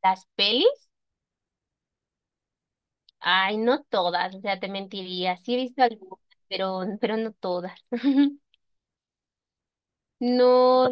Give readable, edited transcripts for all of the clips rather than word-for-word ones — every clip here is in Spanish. Las pelis, ay, no todas, o sea, te mentiría. Sí he visto algunas, pero no todas. No,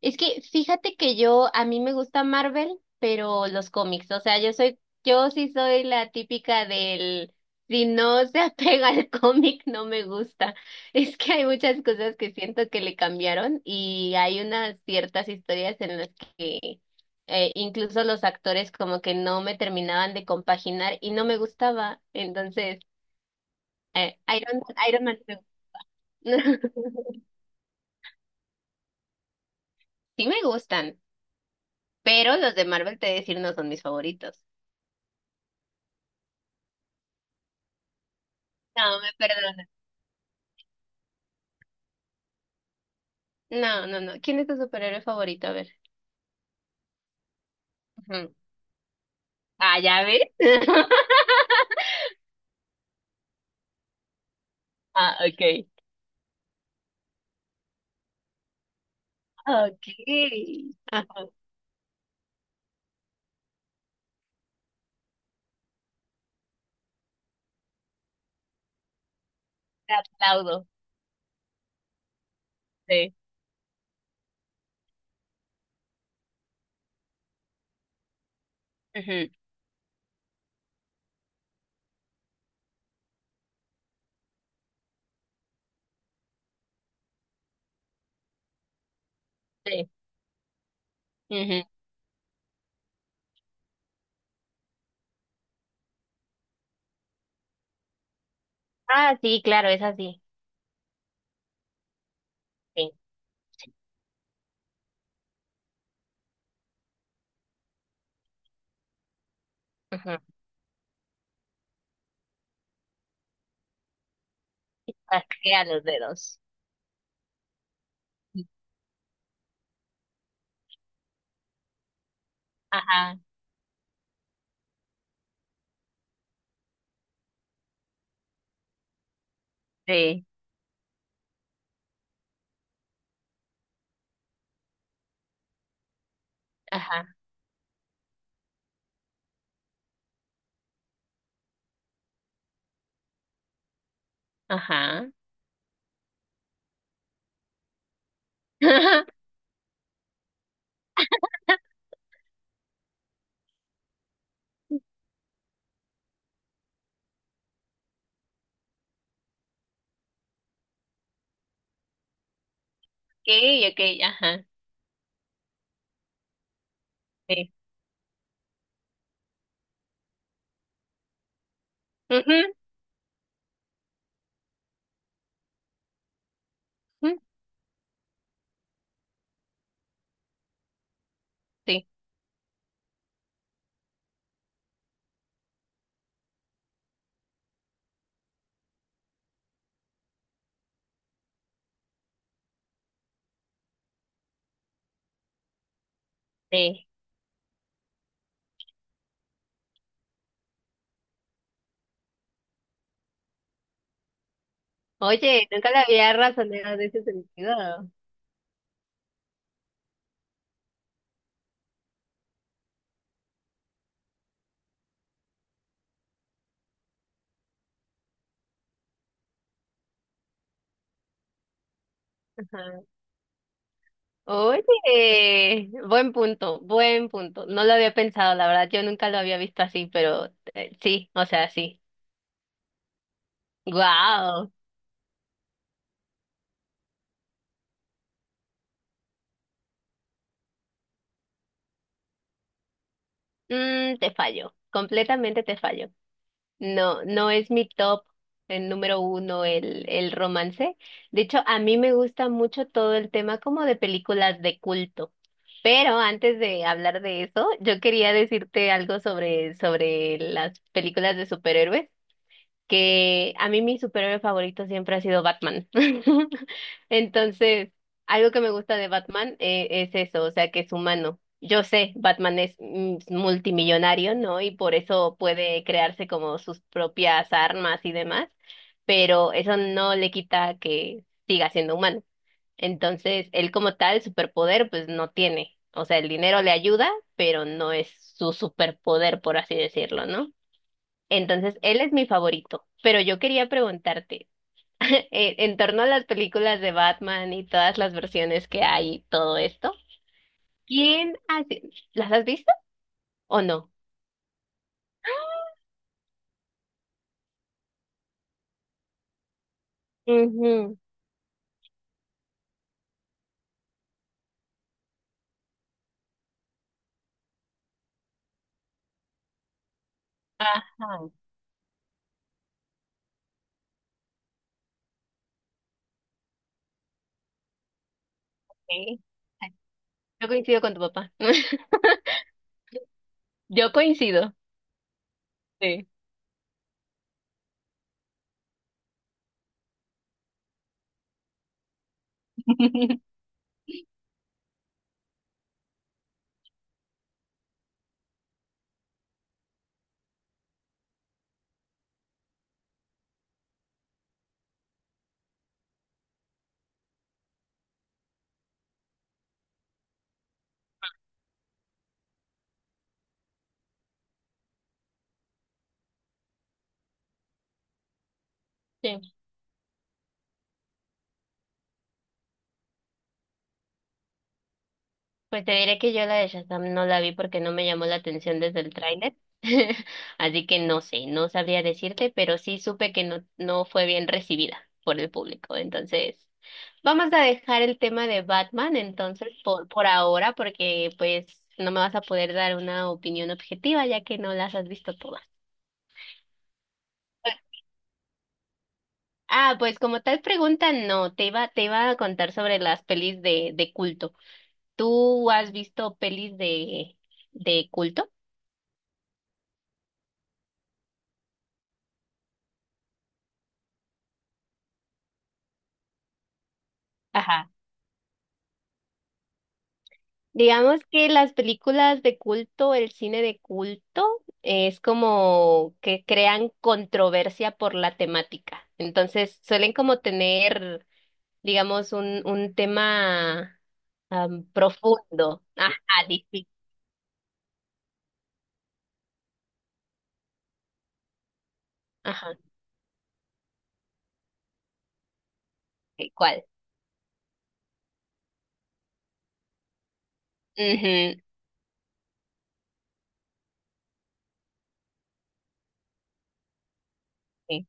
es que fíjate que yo, a mí me gusta Marvel, pero los cómics, o sea, yo sí soy la típica del, si no se apega al cómic, no me gusta. Es que hay muchas cosas que siento que le cambiaron y hay unas ciertas historias en las que incluso los actores como que no me terminaban de compaginar y no me gustaba. Entonces, eh, Iron, Iron Man, sí me gustan, pero los de Marvel, te voy a decir, no son mis favoritos. No, me perdona. No, no, no. ¿Quién es tu superhéroe favorito? A ver. Ujú. Ah, ¿ya ves? Ah, ok. Okay. Ajá. Te aplaudo. Sí. Ujú. Sí. Ujú. Ah, sí, claro, es así. Sí. Ujú. Chasquea los dedos. Ajá. Sí. Ajá. Ajá. Okay, okay, ajá. Sí. Ujú, ujú, sí. Sí. Oye, nunca la había razonado de ese sentido. Ajá. Oye, buen punto, buen punto. No lo había pensado, la verdad, yo nunca lo había visto así, pero sí, o sea, sí. Wow. Mm, te fallo, completamente te fallo. No, no es mi top, el número uno, el romance. De hecho, a mí me gusta mucho todo el tema como de películas de culto. Pero antes de hablar de eso, yo quería decirte algo sobre, sobre las películas de superhéroes, que a mí mi superhéroe favorito siempre ha sido Batman. Entonces, algo que me gusta de Batman es eso, o sea, que es humano. Yo sé, Batman es mm, multimillonario, ¿no? Y por eso puede crearse como sus propias armas y demás, pero eso no le quita que siga siendo humano. Entonces, él como tal, superpoder, pues no tiene. O sea, el dinero le ayuda, pero no es su superpoder, por así decirlo, ¿no? Entonces, él es mi favorito. Pero yo quería preguntarte, en torno a las películas de Batman y todas las versiones que hay, y todo esto, ¿quién hace? ¿Las has visto o no? Ujú. Ajá, ok. Yo coincido con tu papá. Yo coincido. Sí. Pues te diré que yo la de Shazam no la vi porque no me llamó la atención desde el tráiler. Así que no sé, no sabría decirte, pero sí supe que no, no fue bien recibida por el público. Entonces, vamos a dejar el tema de Batman entonces por ahora, porque pues no me vas a poder dar una opinión objetiva ya que no las has visto todas. Ah, pues como tal pregunta, no, te iba a contar sobre las pelis de culto. ¿Tú has visto pelis de culto? Ajá. Digamos que las películas de culto, el cine de culto, es como que crean controversia por la temática. Entonces, suelen como tener, digamos, un tema profundo. Ajá, difícil. Ajá, ok, ¿cuál? Ujú, sí.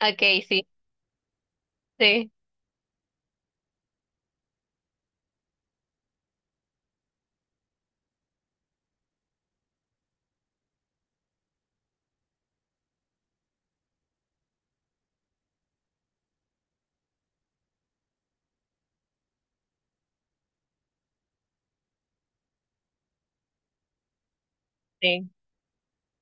Ok, sí, sí, sí.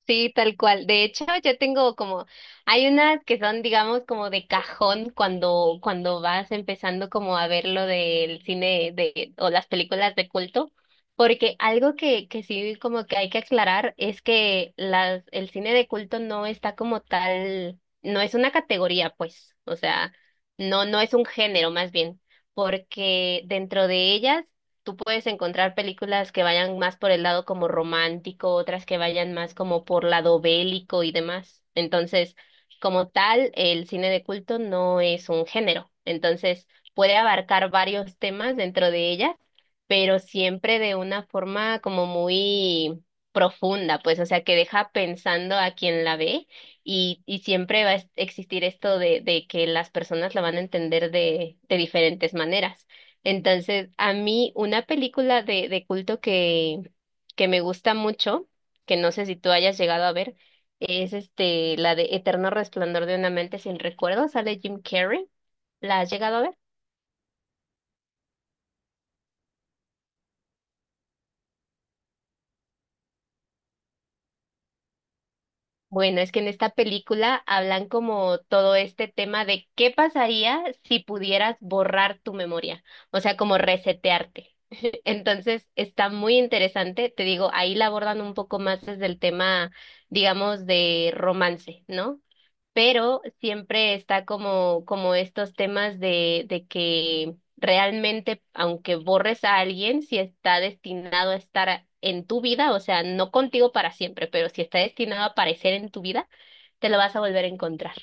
Sí, tal cual. De hecho, yo tengo como, hay unas que son, digamos, como de cajón cuando, cuando vas empezando como a ver lo del cine de, o las películas de culto, porque algo que sí como que hay que aclarar es que las, el cine de culto no está como tal, no es una categoría, pues, o sea, no, no es un género más bien, porque dentro de ellas tú puedes encontrar películas que vayan más por el lado como romántico, otras que vayan más como por lado bélico y demás. Entonces, como tal, el cine de culto no es un género. Entonces, puede abarcar varios temas dentro de ella, pero siempre de una forma como muy profunda, pues, o sea, que deja pensando a quien la ve y siempre va a existir esto de que las personas la van a entender de diferentes maneras. Entonces, a mí una película de culto que me gusta mucho, que no sé si tú hayas llegado a ver, es este, la de Eterno Resplandor de una Mente sin Recuerdos, sale Jim Carrey. ¿La has llegado a ver? Bueno, es que en esta película hablan como todo este tema de qué pasaría si pudieras borrar tu memoria, o sea, como resetearte. Entonces, está muy interesante, te digo, ahí la abordan un poco más desde el tema, digamos, de romance, ¿no? Pero siempre está como, como estos temas de que realmente, aunque borres a alguien, si está destinado a estar en tu vida, o sea, no contigo para siempre, pero si está destinado a aparecer en tu vida, te lo vas a volver a encontrar.